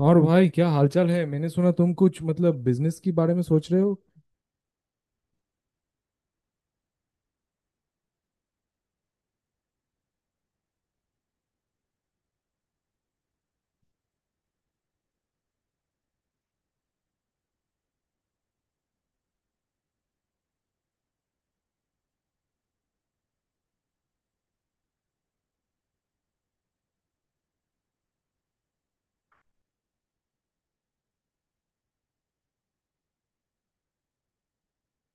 और भाई क्या हालचाल है? मैंने सुना तुम कुछ मतलब बिजनेस के बारे में सोच रहे हो।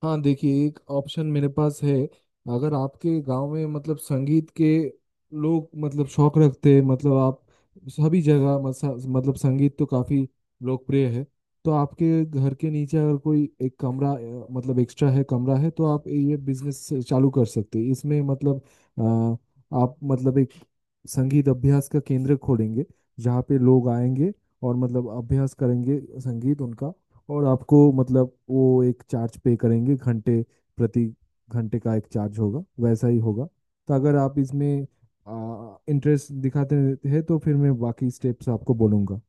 हाँ देखिए, एक ऑप्शन मेरे पास है। अगर आपके गांव में मतलब संगीत के लोग मतलब शौक रखते हैं, मतलब आप सभी जगह मतलब संगीत तो काफी लोकप्रिय है। तो आपके घर के नीचे अगर कोई एक कमरा मतलब एक्स्ट्रा है, कमरा है, तो आप ये बिजनेस चालू कर सकते हैं। इसमें मतलब अ, आप मतलब एक संगीत अभ्यास का केंद्र खोलेंगे जहाँ पे लोग आएंगे और मतलब अभ्यास करेंगे संगीत उनका। और आपको मतलब वो एक चार्ज पे करेंगे, घंटे प्रति घंटे का एक चार्ज होगा, वैसा ही होगा। तो अगर आप इसमें इंटरेस्ट दिखाते हैं तो फिर मैं बाकी स्टेप्स आपको बोलूँगा।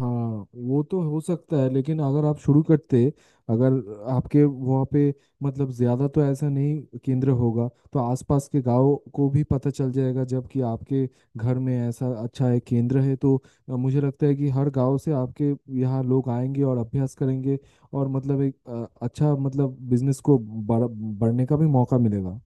हाँ, वो तो हो सकता है, लेकिन अगर आप शुरू करते, अगर आपके वहाँ पे मतलब ज़्यादा तो ऐसा नहीं केंद्र होगा तो आसपास के गांव को भी पता चल जाएगा। जबकि आपके घर में ऐसा अच्छा है केंद्र है तो मुझे लगता है कि हर गांव से आपके यहाँ लोग आएंगे और अभ्यास करेंगे। और मतलब एक अच्छा मतलब बिजनेस को बढ़ने का भी मौका मिलेगा।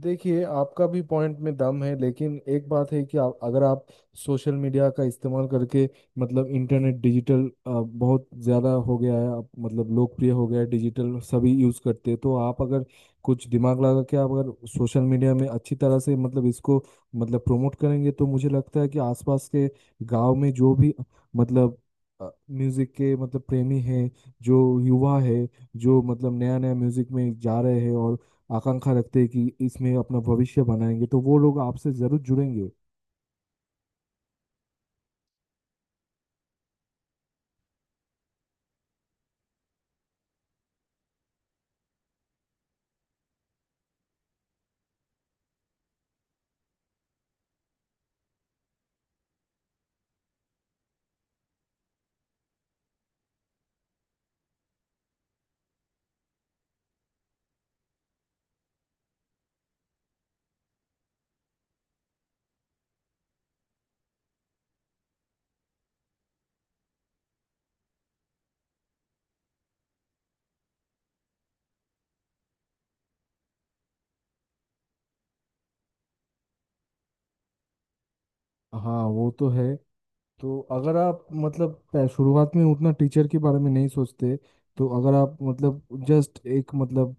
देखिए, आपका भी पॉइंट में दम है लेकिन एक बात है कि आप अगर आप सोशल मीडिया का इस्तेमाल करके मतलब इंटरनेट डिजिटल बहुत ज़्यादा हो गया है, आप मतलब लोकप्रिय हो गया है, डिजिटल सभी यूज़ करते हैं। तो आप अगर कुछ दिमाग लगा के, आप अगर सोशल मीडिया में अच्छी तरह से मतलब इसको मतलब प्रमोट करेंगे तो मुझे लगता है कि आसपास के गांव में जो भी मतलब म्यूज़िक के मतलब प्रेमी हैं, जो युवा है, जो मतलब नया नया म्यूज़िक में जा रहे हैं और आकांक्षा रखते हैं कि इसमें अपना भविष्य बनाएंगे, तो वो लोग आपसे जरूर जुड़ेंगे। हाँ, वो तो है। तो अगर आप मतलब शुरुआत में उतना टीचर के बारे में नहीं सोचते, तो अगर आप मतलब जस्ट एक मतलब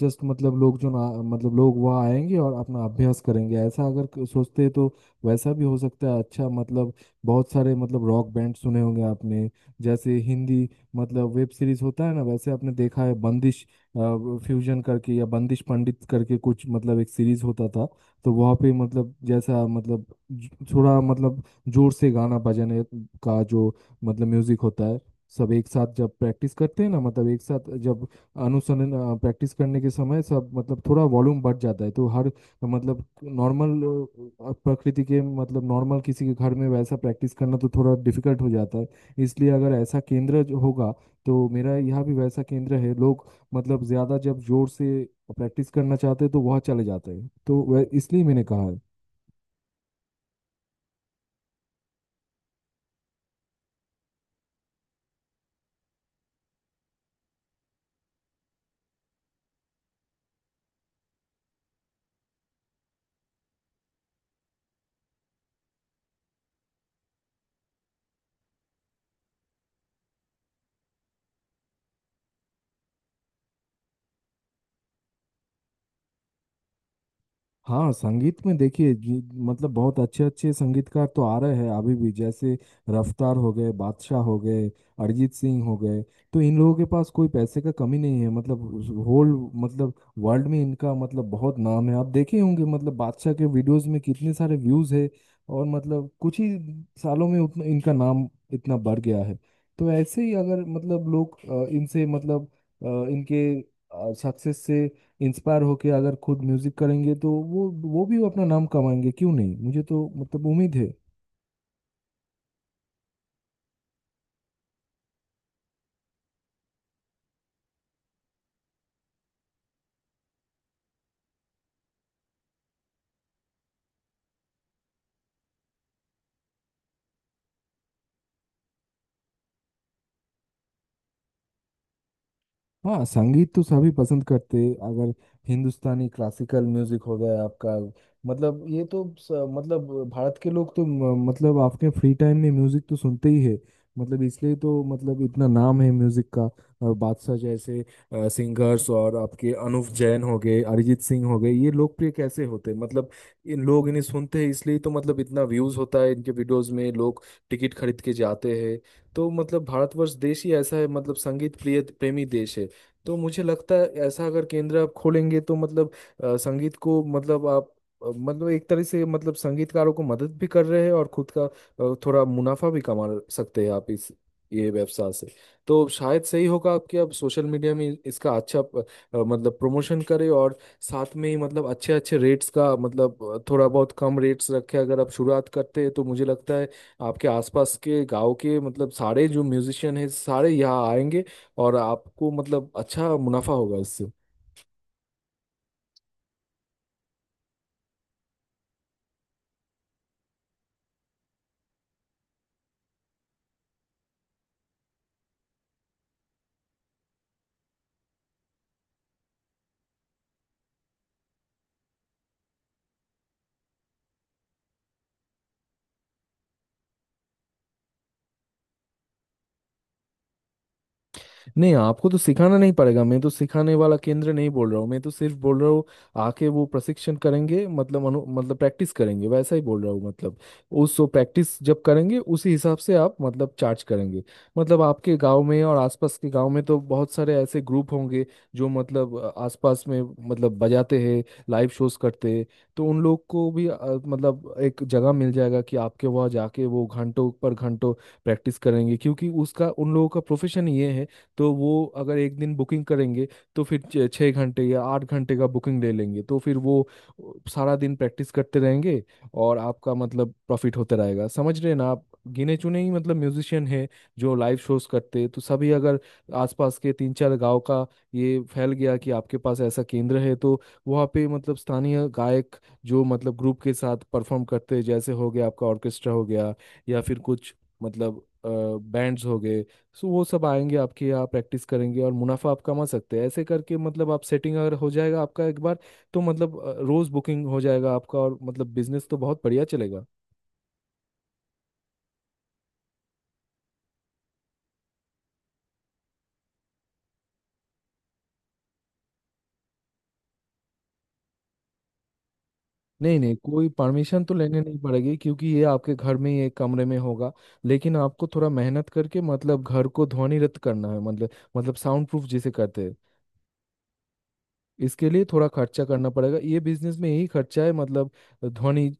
जस्ट मतलब लोग जो ना मतलब लोग वहाँ आएंगे और अपना अभ्यास करेंगे, ऐसा अगर सोचते तो वैसा भी हो सकता है। अच्छा, मतलब बहुत सारे मतलब रॉक बैंड सुने होंगे आपने, जैसे हिंदी मतलब वेब सीरीज होता है ना, वैसे आपने देखा है बंदिश फ्यूजन करके या बंदिश पंडित करके, कुछ मतलब एक सीरीज होता था। तो वहाँ पे मतलब जैसा मतलब थोड़ा मतलब जोर से गाना बजाने का जो मतलब म्यूजिक होता है, सब एक साथ जब प्रैक्टिस करते हैं ना, मतलब एक साथ जब अनुसंधान प्रैक्टिस करने के समय सब मतलब थोड़ा वॉल्यूम बढ़ जाता है। तो हर मतलब नॉर्मल प्रकृति के मतलब नॉर्मल किसी के घर में वैसा प्रैक्टिस करना तो थोड़ा डिफिकल्ट हो जाता है। इसलिए अगर ऐसा केंद्र जो होगा, तो मेरा यहाँ भी वैसा केंद्र है, लोग मतलब ज़्यादा जब जोर से प्रैक्टिस करना चाहते हैं तो वह चले जाते हैं। तो वह इसलिए मैंने कहा है। हाँ, संगीत में देखिए, मतलब बहुत अच्छे अच्छे संगीतकार तो आ रहे हैं अभी भी, जैसे रफ्तार हो गए, बादशाह हो गए, अरिजीत सिंह हो गए। तो इन लोगों के पास कोई पैसे का कमी नहीं है। मतलब होल मतलब वर्ल्ड में इनका मतलब बहुत नाम है। आप देखे होंगे मतलब बादशाह के वीडियोस में कितने सारे व्यूज है। और मतलब कुछ ही सालों में उतना इनका नाम इतना बढ़ गया है। तो ऐसे ही अगर मतलब लोग इनसे मतलब इनके सक्सेस से इंस्पायर होके अगर खुद म्यूजिक करेंगे तो वो भी अपना नाम कमाएंगे, क्यों नहीं? मुझे तो मतलब उम्मीद है। हाँ, संगीत तो सभी पसंद करते हैं। अगर हिंदुस्तानी क्लासिकल म्यूजिक हो गया आपका, मतलब ये तो मतलब भारत के लोग तो मतलब अपने फ्री टाइम में म्यूजिक तो सुनते ही है। मतलब इसलिए तो मतलब इतना नाम है म्यूजिक का। और बादशाह जैसे सिंगर्स, और आपके अनुव जैन हो गए, अरिजीत सिंह हो गए, ये लोकप्रिय कैसे होते हैं? मतलब इन लोग इन्हें सुनते हैं, इसलिए तो मतलब इतना व्यूज होता है इनके वीडियोस में। लोग टिकट खरीद के जाते हैं। तो मतलब भारतवर्ष देश ही ऐसा है, मतलब संगीत प्रिय प्रेमी देश है। तो मुझे लगता है ऐसा अगर केंद्र आप खोलेंगे तो मतलब संगीत को मतलब आप मतलब एक तरह से मतलब संगीतकारों को मदद भी कर रहे हैं और खुद का थोड़ा मुनाफा भी कमा सकते हैं आप इस ये व्यवसाय से। तो शायद सही होगा आपके। आप सोशल मीडिया में इसका अच्छा मतलब प्रमोशन करें, और साथ में ही मतलब अच्छे अच्छे रेट्स का मतलब थोड़ा बहुत कम रेट्स रखें अगर आप शुरुआत करते हैं तो मुझे लगता है आपके आसपास के गांव के मतलब सारे जो म्यूजिशियन हैं सारे यहाँ आएंगे और आपको मतलब अच्छा मुनाफा होगा इससे। नहीं, आपको तो सिखाना नहीं पड़ेगा, मैं तो सिखाने वाला केंद्र नहीं बोल रहा हूँ। मैं तो सिर्फ बोल रहा हूँ आके वो प्रशिक्षण करेंगे, मतलब अनु मतलब प्रैक्टिस करेंगे, वैसा ही बोल रहा हूँ। मतलब उस वो प्रैक्टिस जब करेंगे उसी हिसाब से आप मतलब चार्ज करेंगे। मतलब आपके गांव में और आसपास के गांव में तो बहुत सारे ऐसे ग्रुप होंगे जो मतलब आसपास में मतलब बजाते हैं, लाइव शोज करते हैं। तो उन लोग को भी मतलब एक जगह मिल जाएगा कि आपके वहाँ जाके वो घंटों पर घंटों प्रैक्टिस करेंगे क्योंकि उसका उन लोगों का प्रोफेशन ये है। तो वो अगर एक दिन बुकिंग करेंगे तो फिर छः घंटे या आठ घंटे का बुकिंग ले लेंगे, तो फिर वो सारा दिन प्रैक्टिस करते रहेंगे और आपका मतलब प्रॉफिट होता रहेगा। समझ रहे हैं ना आप। गिने चुने ही मतलब म्यूजिशियन है जो लाइव शोज करते हैं। तो सभी, अगर आसपास के तीन चार गांव का ये फैल गया कि आपके पास ऐसा केंद्र है, तो वहाँ पे मतलब स्थानीय गायक, जो मतलब ग्रुप के साथ परफॉर्म करते हैं, जैसे हो गया आपका ऑर्केस्ट्रा हो गया, या फिर कुछ मतलब बैंड्स हो गए, सो वो सब आएंगे आपके यहाँ प्रैक्टिस करेंगे और मुनाफा आप कमा सकते हैं। ऐसे करके मतलब आप सेटिंग अगर हो जाएगा आपका एक बार, तो मतलब रोज बुकिंग हो जाएगा आपका और मतलब बिजनेस तो बहुत बढ़िया चलेगा। नहीं नहीं, कोई परमिशन तो लेने नहीं पड़ेगी क्योंकि ये आपके घर में ही एक कमरे में होगा। लेकिन आपको थोड़ा मेहनत करके मतलब घर को ध्वनिरत करना है, मतलब साउंड प्रूफ जिसे कहते हैं। इसके लिए थोड़ा खर्चा करना पड़ेगा, ये बिजनेस में यही खर्चा है। मतलब ध्वनि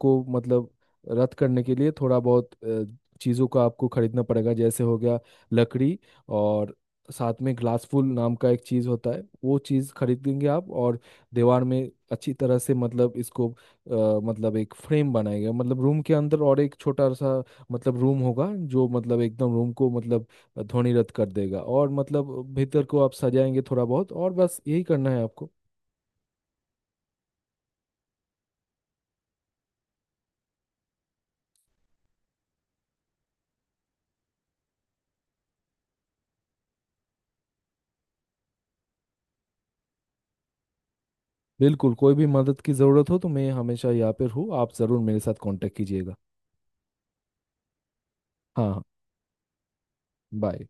को मतलब रद्द करने के लिए थोड़ा बहुत चीज़ों का आपको खरीदना पड़ेगा, जैसे हो गया लकड़ी, और साथ में ग्लासफुल नाम का एक चीज़ होता है, वो चीज़ खरीदेंगे आप। और दीवार में अच्छी तरह से मतलब इसको मतलब एक फ्रेम बनाएगा मतलब रूम के अंदर, और एक छोटा सा मतलब रूम होगा जो मतलब एकदम रूम को मतलब ध्वनि रद्द कर देगा, और मतलब भीतर को आप सजाएंगे थोड़ा बहुत। और बस यही करना है आपको। बिल्कुल, कोई भी मदद की ज़रूरत हो तो मैं हमेशा यहाँ पर हूँ, आप ज़रूर मेरे साथ कांटेक्ट कीजिएगा। हाँ हाँ, बाय।